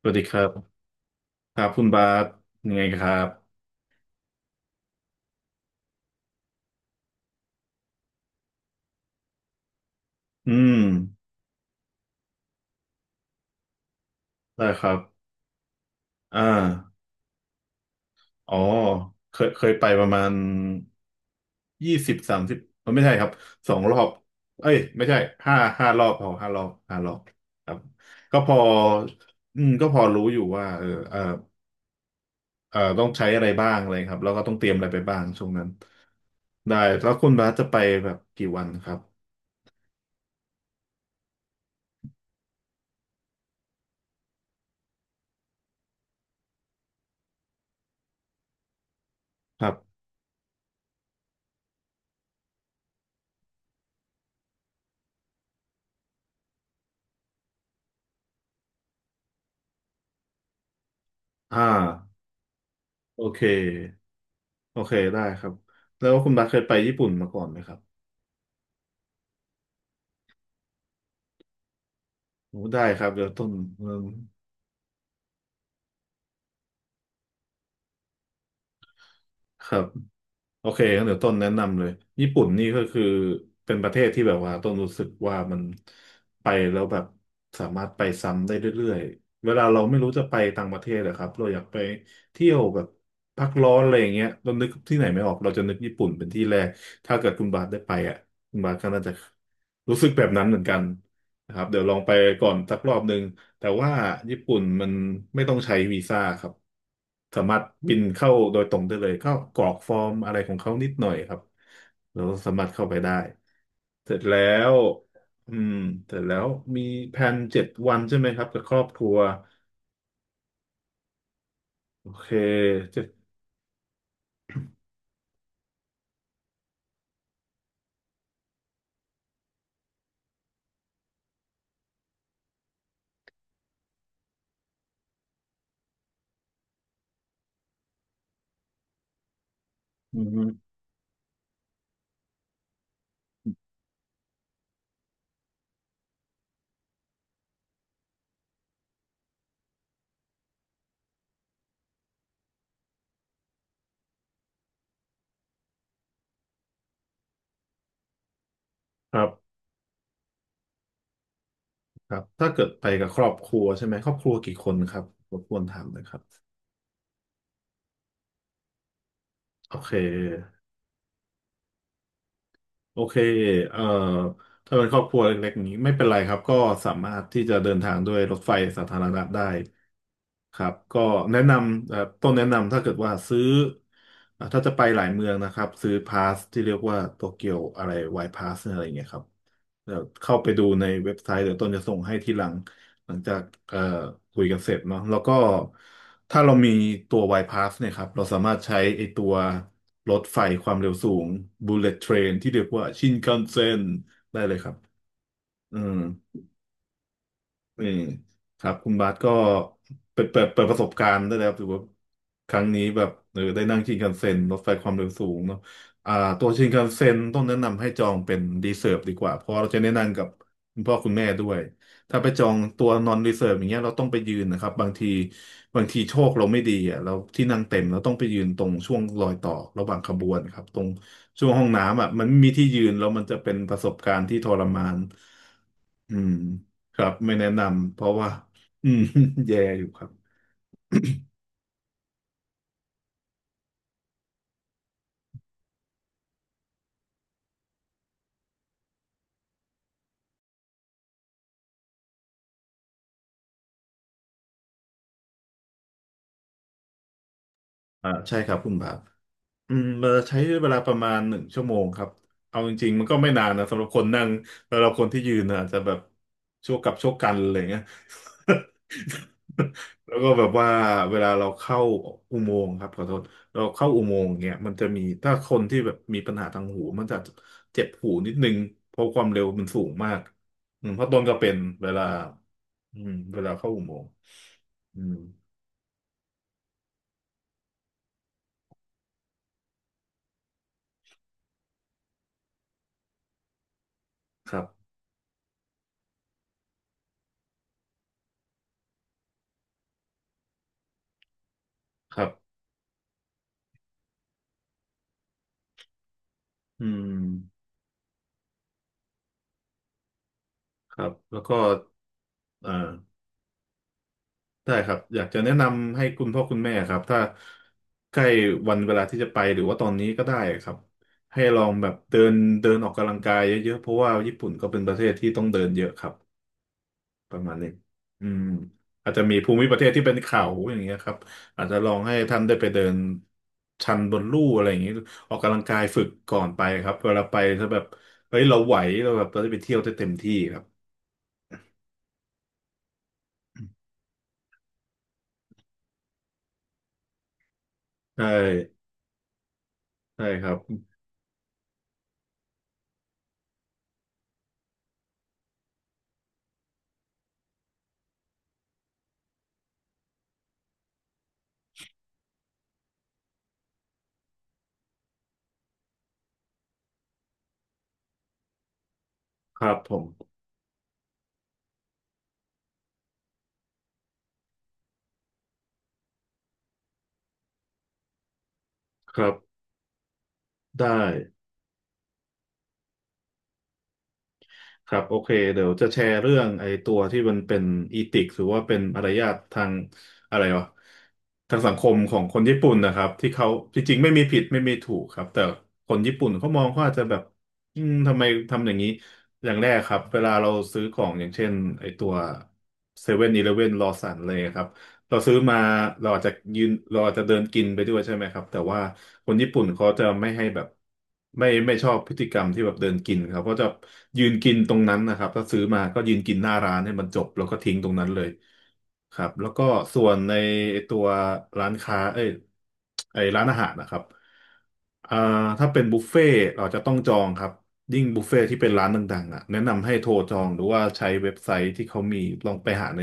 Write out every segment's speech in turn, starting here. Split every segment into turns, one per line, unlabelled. สวัสดีครับครับคุณบาสยังไงครับอืมได้ครับอ่าอ๋อเคยไปประมาณ2030ไม่ใช่ครับ2 รอบเอ้ยไม่ใช่ห้ารอบพอห้ารอบห้ารอบครับก็พออืมก็พอรู้อยู่ว่าเออเออต้องใช้อะไรบ้างอะไรครับแล้วก็ต้องเตรียมอะไรไปบ้างช่วงนั้นได้แล้วคุณบาสจะไปแบบกี่วันครับครับอ่าโอเค ได้ครับแล้วคุณบัสเคยไปญี่ปุ่นมาก่อนไหมครับโอ้ได้ครับเดี๋ยวต้นเอิ่มครับโอเคงั้นเดี๋ยวต้นแนะนำเลยญี่ปุ่นนี่ก็คือเป็นประเทศที่แบบว่าต้นรู้สึกว่ามันไปแล้วแบบสามารถไปซ้ำได้เรื่อยๆเวลาเราไม่รู้จะไปต่างประเทศอะครับเราอยากไปเที่ยวแบบพักร้อนอะไรอย่างเงี้ยเรานึกที่ไหนไม่ออกเราจะนึกญี่ปุ่นเป็นที่แรกถ้าเกิดคุณบาสได้ไปอ่ะคุณบาสก็น่าจะรู้สึกแบบนั้นเหมือนกันนะครับเดี๋ยวลองไปก่อนสักรอบหนึ่ง แต่ว่าญี่ปุ่นมันไม่ต้องใช้วีซ่าครับสามารถบินเข้าโดยตรงได้เลยก็กรอกฟอร์มอะไรของเขานิดหน่อยครับแล้วสามารถเข้าไปได้เสร็จแล้วอืมเสร็จแล้วมีแผน7 วันใช่ไหมครับกับครอบครัวโอเคเจ็ดอืมครับครับถ้าเกิดไปกับครอบครัวใช่ไหมครอบครัวกี่คนครับรบกวนถามหน่อยครับโอเค โอเคเอ่อถ้าเป็นครอบครัวเล็กๆนี้ไม่เป็นไรครับ ก็สามารถที่จะเดินทางด้วยรถไฟสาธารณะได้ครับ ก็แนะนำต้องแนะนำถ้าเกิดว่าซื้อถ้าจะไปหลายเมืองนะครับ ซื้อพาสที่เรียกว่าโตเกียวอะไรไวพาสอะไรอย่างเงี้ยครับเดี๋ยวเข้าไปดูในเว็บไซต์เดี๋ยวต้นจะส่งให้ทีหลัง หลังจากคุยกันเสร็จเนาะแล้วก็ถ้าเรามีตัว Y-Pass เนี่ยครับเราสามารถใช้ไอตัวรถไฟความเร็วสูง Bullet Train ที่เรียกว่าชินคันเซ็นได้เลยครับอืม นี่ครับคุณบาสก็เปิดประสบการณ์ได้แล้วถือว่าครั้งนี้แบบเออได้นั่งชินคันเซ็นรถไฟความเร็วสูงเนาะอ่าตัวชินคันเซ็นต้องแนะนำให้จองเป็นรีเซิร์ฟดีกว่าเพราะเราจะแนะนำกับคุณพ่อคุณแม่ด้วยถ้าไปจองตัวนอนรีเซิร์ฟอย่างเงี้ยเราต้องไปยืนนะครับบางทีโชคเราไม่ดีอ่ะเราที่นั่งเต็มเราต้องไปยืนตรงช่วงรอยต่อระหว่างขบวนครับตรงช่วงห้องน้ำอ่ะมันไม่มีที่ยืนแล้วมันจะเป็นประสบการณ์ที่ทรมาน อืมครับไม่แนะนำเพราะว่าอืม แย่อยู่ครับใช่ครับคุณบาท อืมเราใช้เวลาประมาณ1 ชั่วโมงครับเอาจริงๆมันก็ไม่นานนะสำหรับคนนั่งสำหรับคนที่ยืนนะอาจจะแบบชั่วกับชั่วกันอะไรเงี้ย แล้วก็แบบว่าเวลาเราเข้าอุโมงค์ครับขอโทษเราเข้าอุโมงค์เนี่ยมันจะมีถ้าคนที่แบบมีปัญหาทางหูมันจะเจ็บหูนิดนึงเพราะความเร็วมันสูงมากอืมเพราะต้นก็เป็นเวลาอืมเวลาเข้าอุโมงค์อืมครับครับอืมครับแล้วก็อ่า ได้ครับอยากจะแนะนำให้คุณพ่อคุณแม่ครับถ้าใกล้วันเวลาที่จะไปหรือว่าตอนนี้ก็ได้ครับให้ลองแบบเดินเดินออกกำลังกายเยอะๆเพราะว่าญี่ปุ่นก็เป็นประเทศที่ต้องเดินเยอะครับประมาณนี้อืมอาจจะมีภูมิประเทศที่เป็นเขาอย่างเงี้ยครับอาจจะลองให้ท่านได้ไปเดินชันบนลู่อะไรอย่างเงี้ยออกกำลังกายฝึกก่อนไปครับเวลาไปจะแบบเฮ้ยเราไหวเราแบบเราได้ไปเที่ยวได้เต็มที่ครับใช่ใช่ครับครับผมครับได้ ครับโอเคเดี๋ยวจะแชร์เรื่องไอ้ตัวที่มันเป็นอีติกหรือว่าเป็นมารยาททางอะไรวะทางสังคมของคนญี่ปุ่นนะครับที่เขาจริงๆไม่มีผิดไม่มีถูกครับแต่คนญี่ปุ่นเขามองเขาอาจจะแบบอืมทำไมทำอย่างนี้อย่างแรกครับเวลาเราซื้อของอย่างเช่นไอ้ตัวเซเว่นอีเลฟเว่นลอสันเลยครับ เราซื้อมาเราอาจจะยืนเราอาจจะเดินกินไปด้วยใช่ไหมครับแต่ว่าคนญี่ปุ่นเขาจะไม่ให้แบบไม่ชอบพฤติกรรมที่แบบเดินกินครับเขาจะยืนกินตรงนั้นนะครับถ้าซื้อมาก็ยืนกินหน้าร้านให้มันจบแล้วก็ทิ้งตรงนั้นเลยครับแล้วก็ส่วนในไอ้ตัวร้านค้าเอ้ยไอ้ร้านอาหารนะครับ อ่าถ้าเป็นบุฟเฟ่ต์เราจะต้องจองครับยิ่งบุฟเฟ่ต์ที่เป็นร้านดังๆอ่ะแนะนำให้โทรจองหรือว่าใช้เว็บไซต์ที่เขามีลองไปหาใน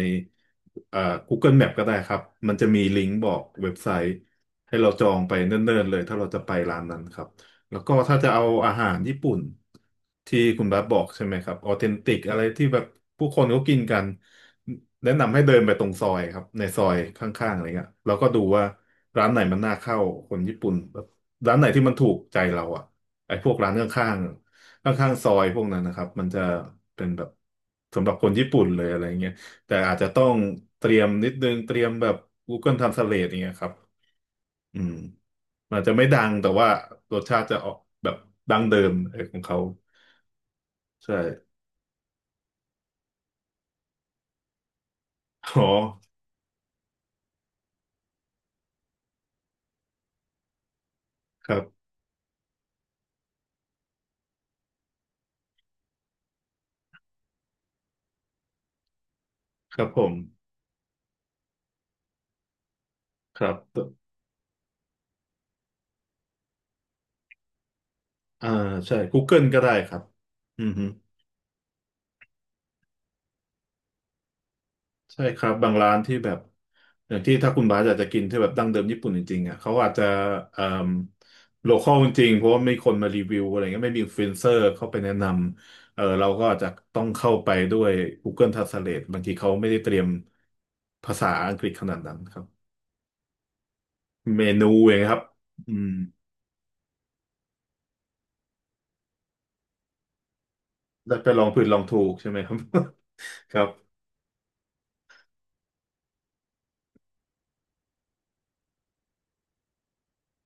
เอ่อ Google Map ก็ได้ครับมันจะมีลิงก์บอกเว็บไซต์ให้เราจองไปเนิ่นๆเลยถ้าเราจะไปร้านนั้นครับแล้วก็ถ้าจะเอาอาหารญี่ปุ่นที่คุณบาสบอกใช่ไหมครับออเทนติกอะไรที่แบบผู้คนเขากินกันแนะนำให้เดินไปตรงซอยครับในซอยข้างๆอะไรเงี้ยเราก็ดูว่าร้านไหนมันน่าเข้าคนญี่ปุ่น ร้านไหนที่มันถูกใจเราอ่ะไอ้พวกร้านข้างๆข้างๆซอยพวกนั้นนะครับมันจะเป็นแบบสำหรับคนญี่ปุ่นเลยอะไรเงี้ยแต่อาจจะต้องเตรียมนิดนึงเตรียมแบบ Google Translate อย่างเงี้ยครับอืมมันอาจจะไม่ดังแต่ว่ารสชาติจะออกแบบดั้งเดิมเออของเขาใช่อ๋อครับครับผมครับอ่าใช่ Google ก็ได้ครับอืม ใช่ครับบางร้านที่แบบอย่างที่ถ้าคุณบาสอยากจะกินที่แบบดั้งเดิมญี่ปุ่นจริงๆอ่ะเขาอาจจะเอ่มโลคอลจริงๆเพราะว่าไม่มีคนมารีวิวอะไรเงี้ยไม่มีอินฟลูเอนเซอร์เข้าไปแนะนำเออเราก็อาจจะต้องเข้าไปด้วย Google Translate บางทีเขาไม่ได้เตรียมภาษาอังกฤษขนาดนั้นครับเมนูเองครับอืมได้ไปลองผิดลองถูกใช่ไหมครับ ครับ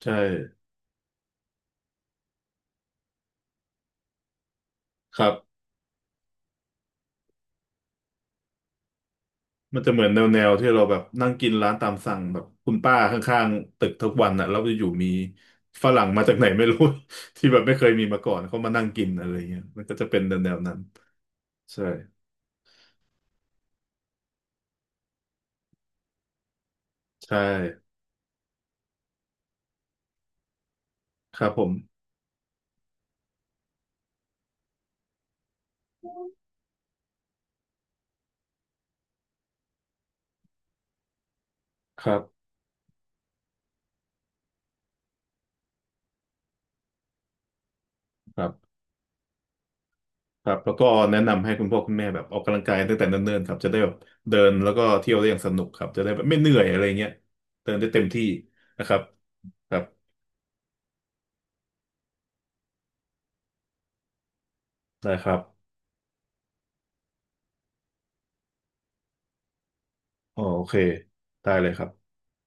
ใช่ครับ มันจะเหมือนแนวที่เราแบบนั่งกินร้านตามสั่งแบบคุณป้าข้างๆตึกทุกวันอ่ะแล้วอยู่ๆมีฝรั่งมาจากไหนไม่รู้ ที่แบบไม่เคยมีมาก่อนเขามานั่งกินอะไรเงี้ยมันก็จะเป็นแนวนั้นใช่ใช่ครับผมครับครับครับแล้วก็แนะนำให้คุณพ่อคุณแม่แบบออกกำลังกายตั้งแต่เนิ่นๆครับจะได้แบบเดินแล้วก็เที่ยวได้อย่างสนุกครับจะได้แบบไม่เหนื่อยอะไรเงี้ยเดินได้เต็มที่นะครับครับได้ครับอ๋อโอเคได้เลยครับ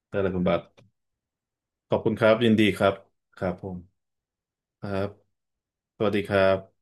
ได้เลยคุณบาท ขอบคุณครับ ยินดีครับ ครับผม ครับ สวัสดีครับ